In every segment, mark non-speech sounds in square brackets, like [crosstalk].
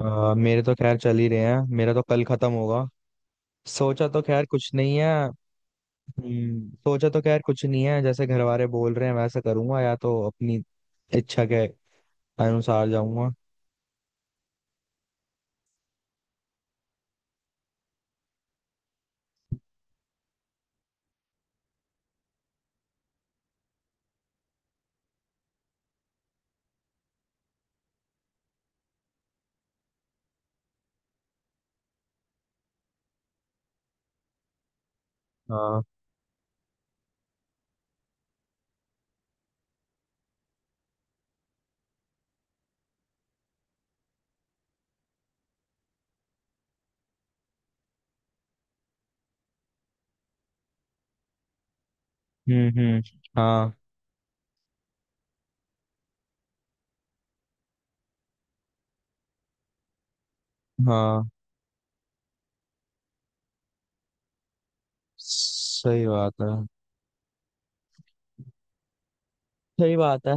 मेरे तो खैर चल ही रहे हैं। मेरा तो कल खत्म होगा। सोचा तो खैर कुछ नहीं है। सोचा तो खैर कुछ नहीं है जैसे घर वाले बोल रहे हैं वैसे करूंगा, या तो अपनी इच्छा के अनुसार जाऊंगा। हाँ। हम्म। हाँ। हाँ। सही बात है। सही बात है।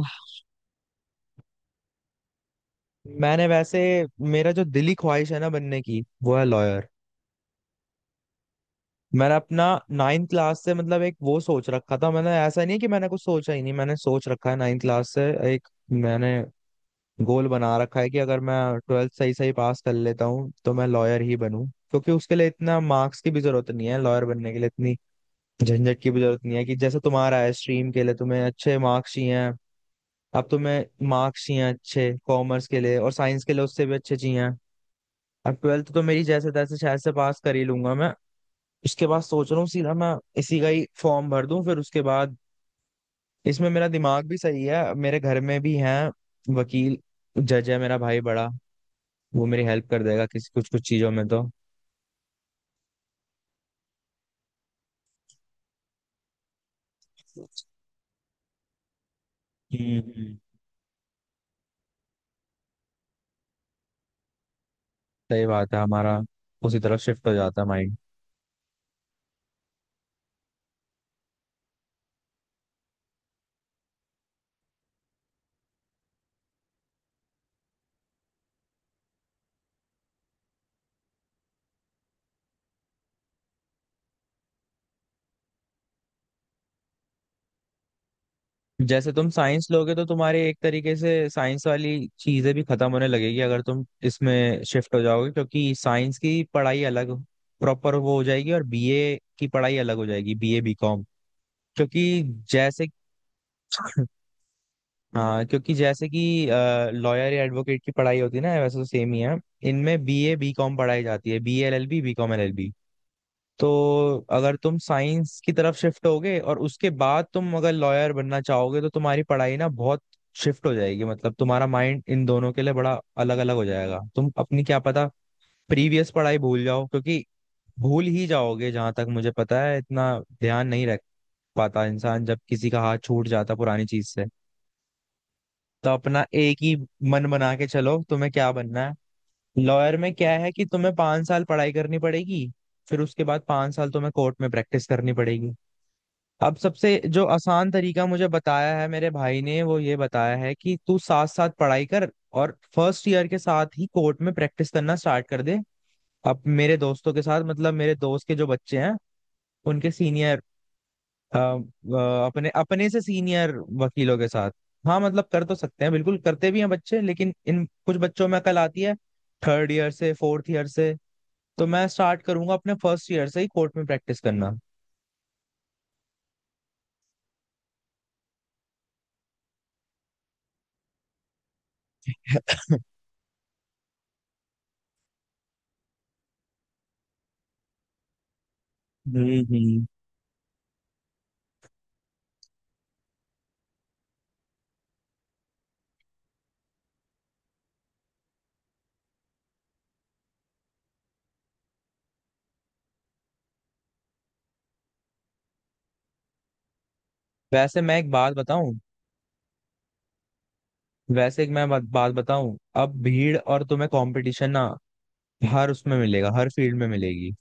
मैंने वैसे, मेरा जो दिली ख्वाहिश है ना बनने की, वो है लॉयर। मैंने अपना नाइन्थ क्लास से, मतलब, एक वो सोच रखा था। मैंने, ऐसा नहीं है कि मैंने कुछ सोचा ही नहीं, मैंने सोच रखा है नाइन्थ क्लास से। एक मैंने गोल बना रखा है कि अगर मैं ट्वेल्थ सही सही पास कर लेता हूँ तो मैं लॉयर ही बनूं। क्योंकि उसके लिए इतना मार्क्स की भी जरूरत नहीं है, लॉयर बनने के लिए इतनी झंझट की भी जरूरत नहीं है कि जैसे तुम्हारा है स्ट्रीम के लिए तुम्हें अच्छे मार्क्स चाहिए हैं। अब तुम्हें मार्क्स चाहिए हैं अच्छे कॉमर्स के लिए, और साइंस के लिए उससे भी अच्छे चाहिए हैं। अब ट्वेल्थ तो मेरी जैसे तैसे शायद से पास कर ही लूंगा मैं। उसके बाद सोच रहा हूँ सीधा मैं इसी का ही फॉर्म भर दूं, फिर उसके बाद इसमें मेरा दिमाग भी सही है, मेरे घर में भी हैं वकील। जज है मेरा भाई बड़ा, वो मेरी हेल्प कर देगा किसी कुछ कुछ चीजों में तो। हम्म हम्म। सही बात है, हमारा उसी तरफ शिफ्ट हो जाता है माइंड। जैसे तुम साइंस लोगे तो तुम्हारी एक तरीके से साइंस वाली चीजें भी खत्म होने लगेगी अगर तुम इसमें शिफ्ट हो जाओगे, क्योंकि साइंस की पढ़ाई अलग प्रॉपर वो हो जाएगी और बीए की पढ़ाई अलग हो जाएगी, बीए बीकॉम। क्योंकि जैसे, हाँ, क्योंकि जैसे कि लॉयर या एडवोकेट की पढ़ाई होती है ना, वैसे तो सेम ही है। इनमें बीए बीकॉम पढ़ाई जाती है, B L L B, BCom L. तो अगर तुम साइंस की तरफ शिफ्ट होगे और उसके बाद तुम अगर लॉयर बनना चाहोगे तो तुम्हारी पढ़ाई ना बहुत शिफ्ट हो जाएगी, मतलब तुम्हारा माइंड इन दोनों के लिए बड़ा अलग अलग हो जाएगा। तुम अपनी क्या पता प्रीवियस पढ़ाई भूल जाओ, क्योंकि भूल ही जाओगे, जहां तक मुझे पता है, इतना ध्यान नहीं रख पाता इंसान जब किसी का हाथ छूट जाता पुरानी चीज से। तो अपना एक ही मन बना के चलो तुम्हें क्या बनना है। लॉयर में क्या है कि तुम्हें 5 साल पढ़ाई करनी पड़ेगी, फिर उसके बाद 5 साल तुम्हें कोर्ट में प्रैक्टिस करनी पड़ेगी। अब सबसे जो आसान तरीका मुझे बताया है मेरे भाई ने, वो ये बताया है कि तू साथ साथ पढ़ाई कर, और फर्स्ट ईयर के साथ ही कोर्ट में प्रैक्टिस करना स्टार्ट कर दे। अब मेरे दोस्तों के साथ, मतलब मेरे दोस्त के जो बच्चे हैं उनके सीनियर, अपने अपने से सीनियर वकीलों के साथ। हाँ, मतलब कर तो सकते हैं, बिल्कुल करते भी हैं बच्चे, लेकिन इन कुछ बच्चों में अकल आती है थर्ड ईयर से, फोर्थ ईयर से। तो मैं स्टार्ट करूंगा अपने फर्स्ट ईयर से ही कोर्ट में प्रैक्टिस करना। [laughs] हम्म हम्म। वैसे मैं एक बात बताऊं। वैसे एक मैं बात बात बताऊं। अब भीड़ और तुम्हें कंपटीशन ना, हर उसमें मिलेगा, हर फील्ड में मिलेगी।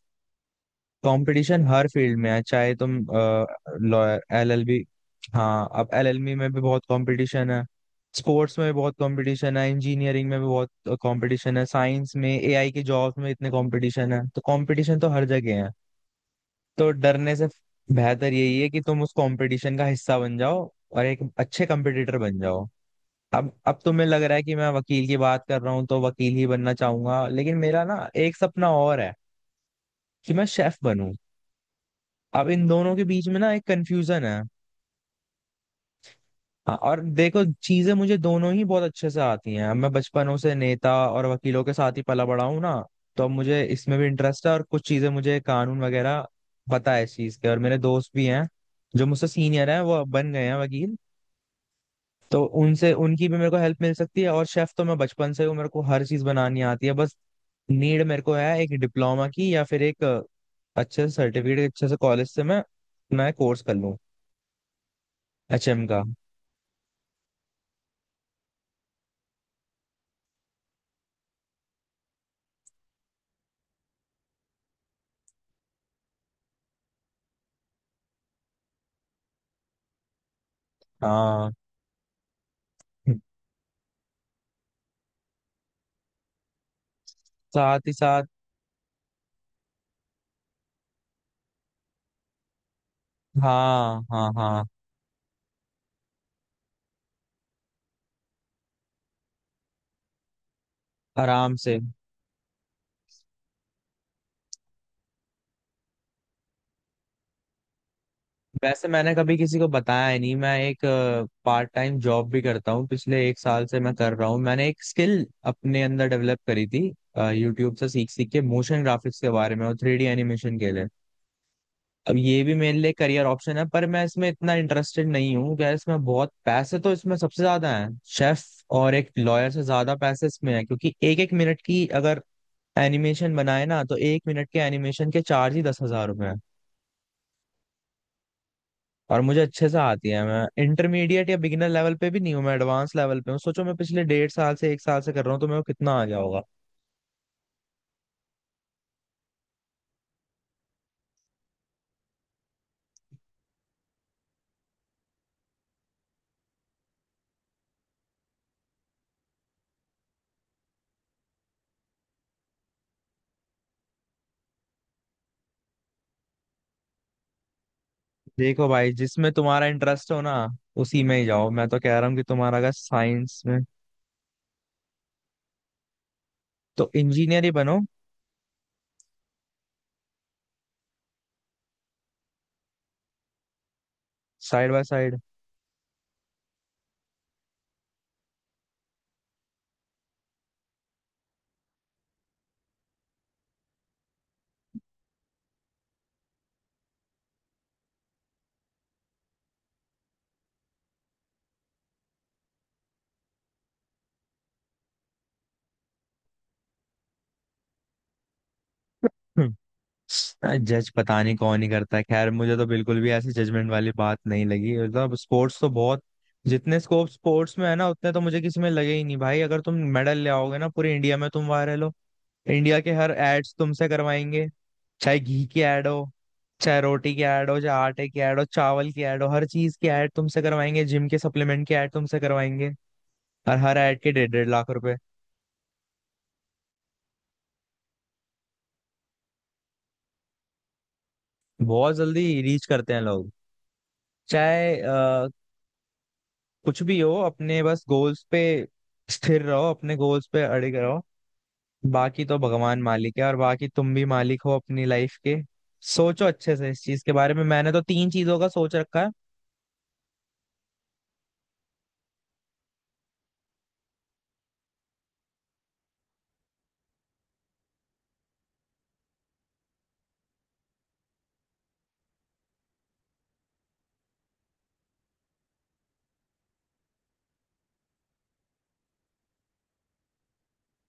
कंपटीशन हर फील्ड में है, चाहे तुम एल एल बी। हाँ, अब एल एल बी में भी बहुत कंपटीशन है, स्पोर्ट्स में भी बहुत कंपटीशन है, इंजीनियरिंग में भी बहुत कंपटीशन है, साइंस में, एआई के जॉब्स में इतने कंपटीशन है, तो कंपटीशन तो हर जगह है। तो डरने से बेहतर यही है कि तुम उस कंपटीशन का हिस्सा बन जाओ और एक अच्छे कंपटीटर बन जाओ। अब तुम्हें लग रहा है कि मैं वकील की बात कर रहा हूँ तो वकील ही बनना चाहूंगा, लेकिन मेरा ना एक सपना और है कि मैं शेफ बनूं। अब इन दोनों के बीच में ना एक कंफ्यूजन है। हाँ, और देखो, चीजें मुझे दोनों ही बहुत अच्छे से आती हैं, मैं बचपनों से नेता और वकीलों के साथ ही पला बड़ा हूँ ना। तो अब मुझे इसमें भी इंटरेस्ट है, और कुछ चीजें मुझे कानून वगैरह पता है इस चीज के। और मेरे दोस्त भी हैं जो मुझसे सीनियर हैं, वो बन गए हैं वकील, तो उनसे उनकी भी मेरे को हेल्प मिल सकती है। और शेफ तो मैं बचपन से हूँ, मेरे को हर चीज बनानी आती है। बस नीड मेरे को है एक डिप्लोमा की, या फिर एक अच्छे से सर्टिफिकेट, अच्छे से कॉलेज से मैं कोर्स कर लूँ एचएम का। हाँ। साथ ही साथ। हाँ हाँ हाँ। आराम से। वैसे मैंने कभी किसी को बताया ही नहीं, मैं एक पार्ट टाइम जॉब भी करता हूँ, पिछले एक साल से मैं कर रहा हूँ। मैंने एक स्किल अपने अंदर डेवलप करी थी, यूट्यूब से सीख सीख के, मोशन ग्राफिक्स के बारे में और थ्री डी एनिमेशन के लिए। अब ये भी मेरे लिए करियर ऑप्शन है, पर मैं इसमें इतना इंटरेस्टेड नहीं हूँ क्या, इसमें बहुत पैसे, तो इसमें सबसे ज्यादा है शेफ। और एक लॉयर से ज्यादा पैसे इसमें है, क्योंकि एक एक मिनट की अगर एनिमेशन बनाए ना, तो 1 मिनट के एनिमेशन के चार्ज ही 10,000 रुपए हैं। और मुझे अच्छे से आती है, मैं इंटरमीडिएट या बिगिनर लेवल पे भी नहीं हूँ, मैं एडवांस लेवल पे हूँ। सोचो, मैं पिछले डेढ़ साल से, एक साल से कर रहा हूँ, तो मेरे को कितना आ गया होगा। देखो भाई, जिसमें तुम्हारा इंटरेस्ट हो ना उसी में ही जाओ। मैं तो कह रहा हूँ कि तुम्हारा अगर साइंस में, तो इंजीनियर ही बनो। Side by side. जज पता नहीं कौन ही करता है, खैर मुझे तो बिल्कुल भी ऐसी जजमेंट वाली बात नहीं लगी। मतलब स्पोर्ट्स तो बहुत, जितने स्कोप स्पोर्ट्स में है ना, उतने तो मुझे किसी में लगे ही नहीं। भाई अगर तुम मेडल ले आओगे ना, पूरे इंडिया में तुम वायरल हो। इंडिया के हर एड्स तुमसे करवाएंगे। चाहे घी की एड हो, चाहे रोटी की एड हो, चाहे आटे की एड हो, चावल की एड हो, हर चीज की एड तुमसे करवाएंगे, जिम के सप्लीमेंट की एड तुमसे करवाएंगे। और हर एड के डेढ़ डेढ़ लाख रुपए। बहुत जल्दी रीच करते हैं लोग। चाहे कुछ भी हो, अपने बस गोल्स पे स्थिर रहो, अपने गोल्स पे अड़िग रहो। बाकी तो भगवान मालिक है, और बाकी तुम भी मालिक हो अपनी लाइफ के। सोचो अच्छे से इस चीज के बारे में, मैंने तो तीन चीजों का सोच रखा है।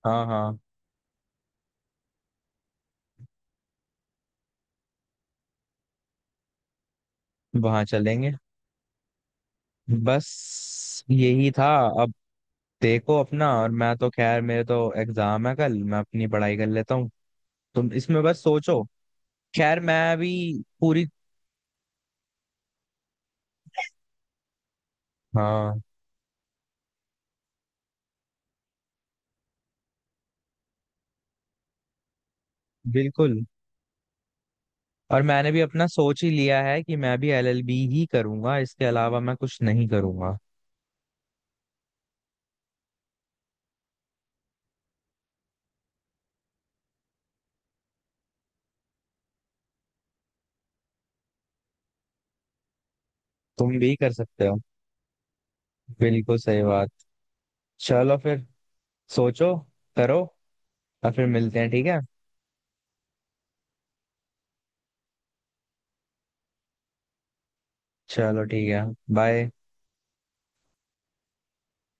हाँ हाँ। वहां चलेंगे। बस यही था। अब देखो अपना, और मैं तो खैर, मेरे तो एग्जाम है कल, मैं अपनी पढ़ाई कर लेता हूँ, तुम इसमें बस सोचो। खैर मैं अभी। पूरी। हाँ। बिल्कुल, और मैंने भी अपना सोच ही लिया है कि मैं भी एलएलबी ही करूंगा, इसके अलावा मैं कुछ नहीं करूंगा। तुम भी कर सकते हो। बिल्कुल सही बात। चलो फिर, सोचो, करो, और फिर मिलते हैं, ठीक है। चलो ठीक है। बाय।